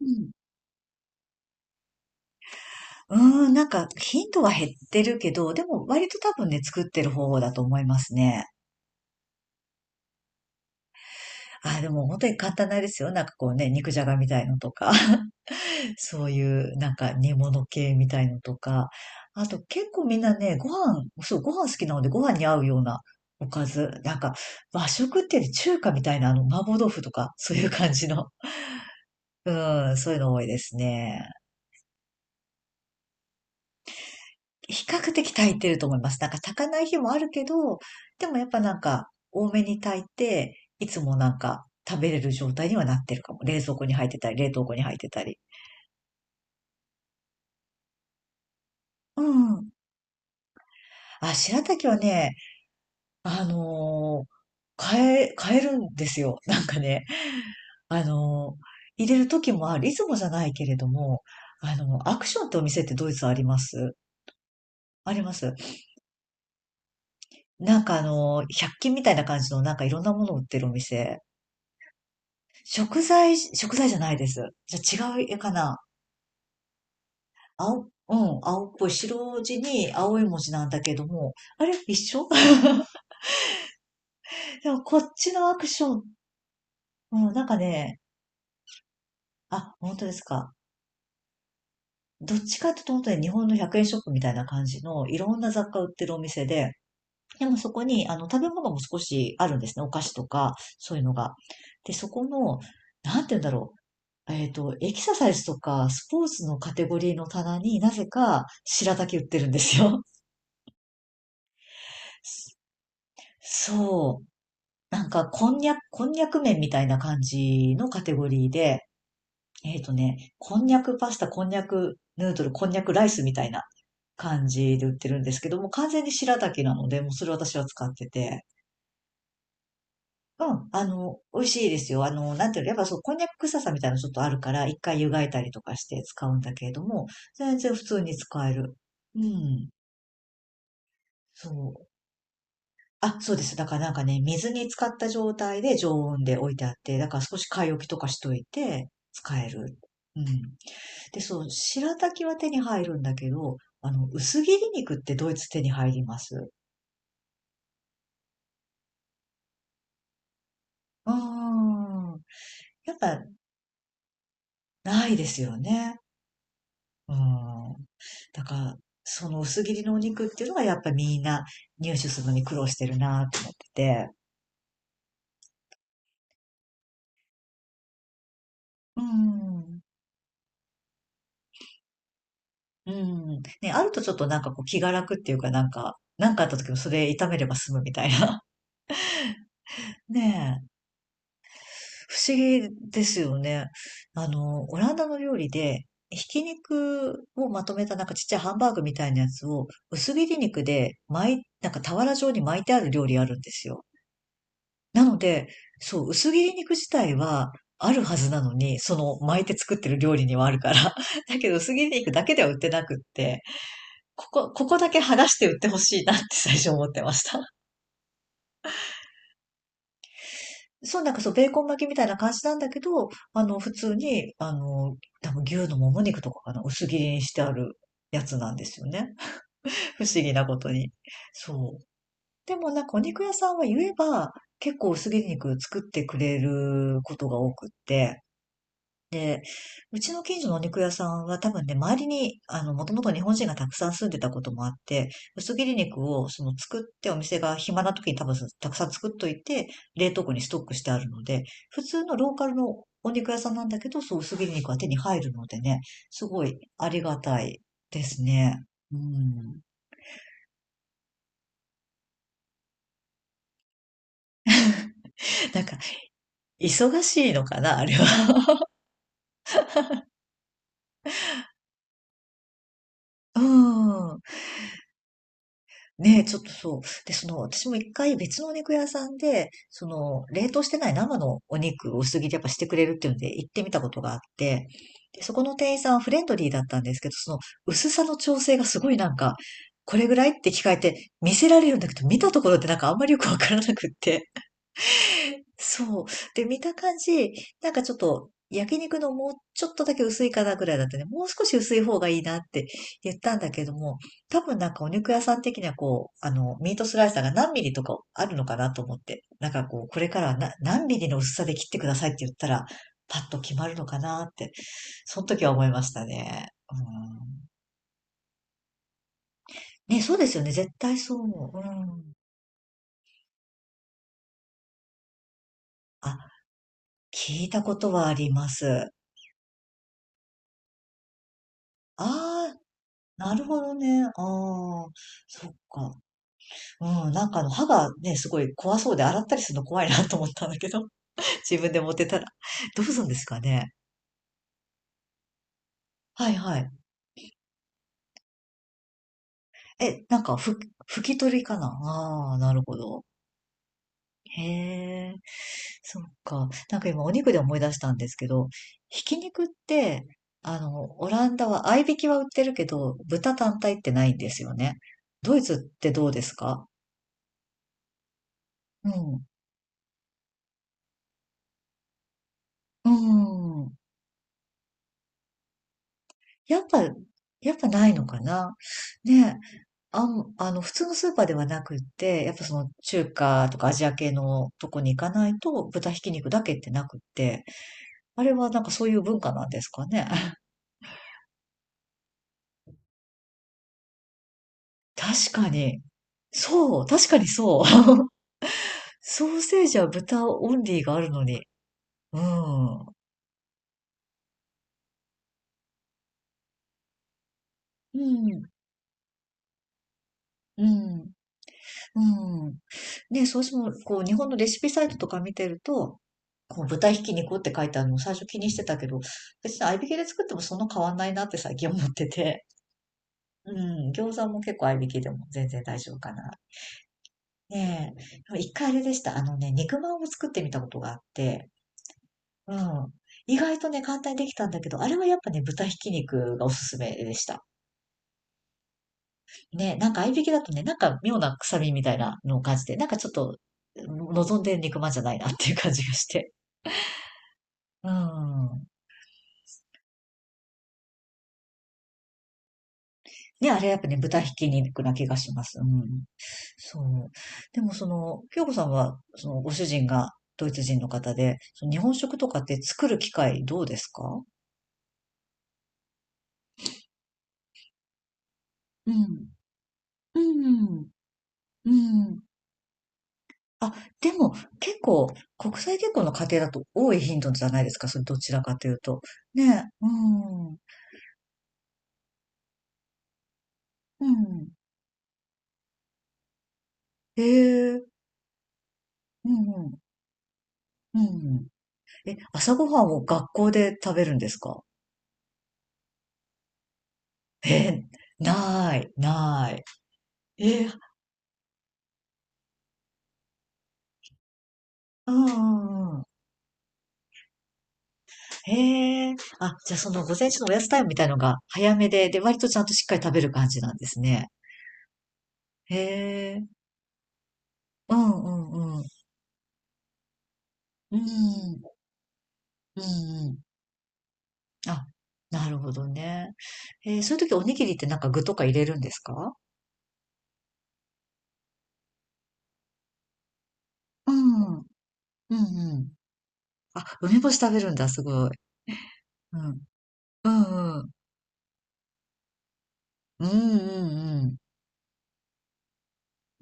うん。なんか頻度は減ってるけど、でも割と多分ね、作ってる方だと思いますね。あー、でも本当に簡単なんですよ。なんかこうね、肉じゃがみたいのとか、そういうなんか煮物系みたいのとか、あと結構みんなね、ご飯、そう、ご飯好きなのでご飯に合うようなおかず、なんか和食っていうより中華みたいな麻婆豆腐とか、そういう感じの、うん、そういうの多いですね。比較的炊いてると思います。なんか炊かない日もあるけど、でもやっぱなんか多めに炊いて、いつもなんか食べれる状態にはなってるかも。冷蔵庫に入ってたり、冷凍庫に入ってたり。うん。あ、白滝はね、あのー買えるんですよ。なんかね、あのー入れる時もある。いつもじゃないけれども、あの、アクションってお店ってドイツあります？あります。なんか1均みたいな感じのなんかいろんなもの売ってるお店。食材、食材じゃないです。じゃあ違う絵かな。青、うん、青っぽい白地に青い文字なんだけども、あれ一緒。 でもこっちのアクション、うん、なんかね、あ、本当ですか。どっちかっていうと本当に日本の100円ショップみたいな感じのいろんな雑貨売ってるお店で、でもそこにあの食べ物も少しあるんですね。お菓子とか、そういうのが。で、そこの、なんて言うんだろう。エキササイズとかスポーツのカテゴリーの棚になぜか白滝売ってるんですよ。そう。なんか、こんにゃく麺みたいな感じのカテゴリーで、えっとね、こんにゃくパスタ、こんにゃくヌードル、こんにゃくライスみたいな感じで売ってるんですけども、完全に白滝なので、もうそれ私は使ってて。うん、あの、美味しいですよ。あの、なんていうの、やっぱそう、こんにゃく臭さみたいなのちょっとあるから、一回湯がいたりとかして使うんだけれども、全然普通に使える。うん。そう。あ、そうです。だからなんかね、水に浸かった状態で常温で置いてあって、だから少し買い置きとかしといて使える。うん。で、そう、白滝は手に入るんだけど、あの、薄切り肉ってドイツ手に入ります？うん。やっぱないですよね。うん。だから、その薄切りのお肉っていうのがやっぱみんな入手するのに苦労してるなと思ってて。うん。うん。ね、あるとちょっとなんかこう気が楽っていうかなんか、なんかあった時もそれ炒めれば済むみたいな。ねえ。不思議ですよね。あの、オランダの料理で、ひき肉をまとめたなんかちっちゃいハンバーグみたいなやつを薄切り肉で巻い、なんか俵状に巻いてある料理あるんですよ。なので、そう、薄切り肉自体はあるはずなのに、その巻いて作ってる料理にはあるから。だけど薄切り肉だけでは売ってなくって。ここだけ剥がして売ってほしいなって 最初思ってました。そう、ベーコン巻きみたいな感じなんだけど、あの、普通に、あの、多分牛のもも肉とかかな、薄切りにしてあるやつなんですよね。不思議なことに。そう。でもなんかお肉屋さんは言えば、結構薄切り肉作ってくれることが多くって、うちの近所のお肉屋さんは多分ね、周りに、あの、もともと日本人がたくさん住んでたこともあって、薄切り肉をその作ってお店が暇な時に多分たくさん作っといて、冷凍庫にストックしてあるので、普通のローカルのお肉屋さんなんだけど、そう薄切り肉は手に入るのでね、すごいありがたいですね。うん。なんか、忙しいのかな、あれは。うん。ねえ、ちょっとそう。で、その、私も一回別のお肉屋さんで、その、冷凍してない生のお肉を薄切りやっぱしてくれるっていうんで行ってみたことがあって、で、そこの店員さんはフレンドリーだったんですけど、その薄さの調整がすごいなんか、これぐらいって聞かれて見せられるんだけど、見たところでなんかあんまりよくわからなくって、そう。で、見た感じ、なんかちょっと焼肉のもうちょっとだけ薄いかなぐらいだったね。もう少し薄い方がいいなって言ったんだけども、多分なんかお肉屋さん的にはこう、あの、ミートスライサーが何ミリとかあるのかなと思って、なんかこう、これからはな何ミリの薄さで切ってくださいって言ったら、パッと決まるのかなって、その時は思いましたね。うん、ね、そうですよね。絶対そう思う。うん。あ、聞いたことはあります。ああ、なるほどね。ああ、そっか。うん、なんかあの、歯がね、すごい怖そうで、洗ったりするの怖いなと思ったんだけど、自分で持ってたら。どうするんですかね。はいはい。え、なんか、ふ、拭き取りかな。ああなるほど。へえ、そっか。なんか今、お肉で思い出したんですけど、ひき肉って、あの、オランダは、合いびきは売ってるけど、豚単体ってないんですよね。ドイツってどうですか？うん。うん。やっぱ、やっぱないのかな？ねえ、あの、普通のスーパーではなくって、やっぱその中華とかアジア系のとこに行かないと豚ひき肉だけってなくって、あれはなんかそういう文化なんですかね。確かに。そう、確かにそう。ソーセージは豚オンリーがあるのに。うん。うん。うん。うん。ね、そうしても、こう、日本のレシピサイトとか見てると、こう、豚ひき肉って書いてあるのを最初気にしてたけど、別に合いびきで作ってもそんな変わんないなって最近思ってて。うん。餃子も結構合いびきでも全然大丈夫かな。ねえ。でも一回あれでした。あのね、肉まんを作ってみたことがあって、うん。意外とね、簡単にできたんだけど、あれはやっぱね、豚ひき肉がおすすめでした。ね、なんか合いびきだとね、なんか妙な臭みみたいなのを感じて、なんかちょっと望んで肉まんじゃないなっていう感じがして。うん。ね、あれやっぱね、豚ひき肉な気がします。うん。そう。でもその、京子さんは、そのご主人がドイツ人の方で、その日本食とかって作る機会どうですか？うん。うん。うん。あ、でも結構、国際結婚の家庭だと多い頻度じゃないですか、それどちらかというと。ね、うん。うん。ええ、うんうん、うんうん。え、朝ごはんを学校で食べるんですか？えー、ない、ない。え、ーうんうんうん。へえ、あ、じゃあその午前中のおやつタイムみたいのが早めで、で、割とちゃんとしっかり食べる感じなんですね。へえ、うんうんうん。うん、うんうん。あ、なるほどね。えー、そういう時おにぎりってなんか具とか入れるんですか？うん、うんうん。あ、梅干し食べるんだ、すごい。うん、うんうん。うんうん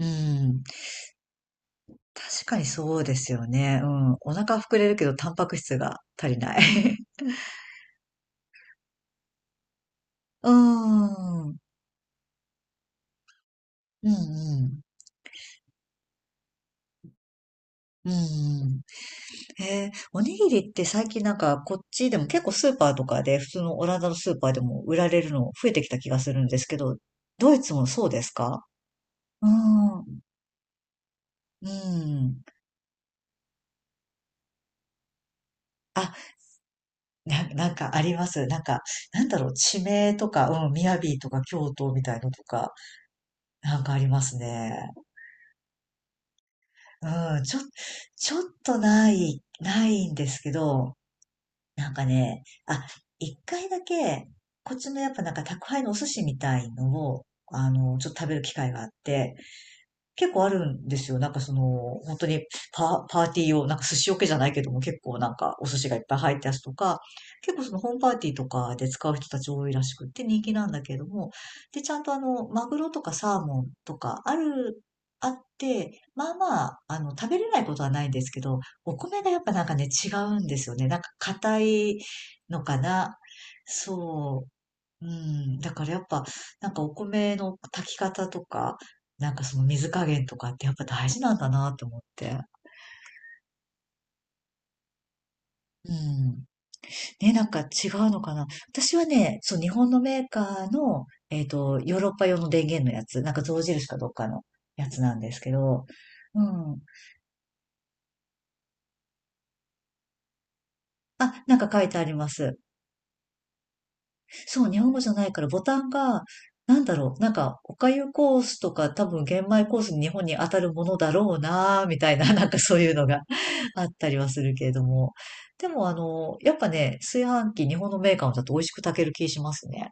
うん。うん。確かにそうですよね。うん。お腹膨れるけど、タンパク質が足りない。うーん。うんうん。うんうん。えー、おにぎりって最近なんかこっちでも結構スーパーとかで普通のオランダのスーパーでも売られるの増えてきた気がするんですけど、ドイツもそうですか？うん。うん。あ、な、なんかあります。なんか、なんだろう、地名とか、うん、雅とか京都みたいのとか、なんかありますね。うん、ちょ、ちょっとない、ないんですけど、なんかね、あ、一回だけ、こっちのやっぱなんか宅配のお寿司みたいのを、あの、ちょっと食べる機会があって、結構あるんですよ。なんかその、本当にパ、パーティー用、なんか寿司桶じゃないけども結構なんかお寿司がいっぱい入ったやつとか、結構そのホームパーティーとかで使う人たち多いらしくって人気なんだけれども、で、ちゃんとあの、マグロとかサーモンとかある、あって、まあまあ、あの、食べれないことはないんですけど、お米がやっぱなんかね、違うんですよね。なんか硬いのかな。そう。うん、だからやっぱ、なんかお米の炊き方とか、なんかその水加減とかってやっぱ大事なんだなと思って。うん。ね、なんか違うのかな。私はね、そう、日本のメーカーの、ヨーロッパ用の電源のやつ、なんか象印かどっかのやつなんですけど、うん。あ、なんか書いてあります。そう、日本語じゃないからボタンが、なんだろう、なんか、おかゆコースとか多分玄米コースに日本に当たるものだろうなーみたいな、なんかそういうのが あったりはするけれども。でもあの、やっぱね、炊飯器日本のメーカーだと美味しく炊ける気しますね。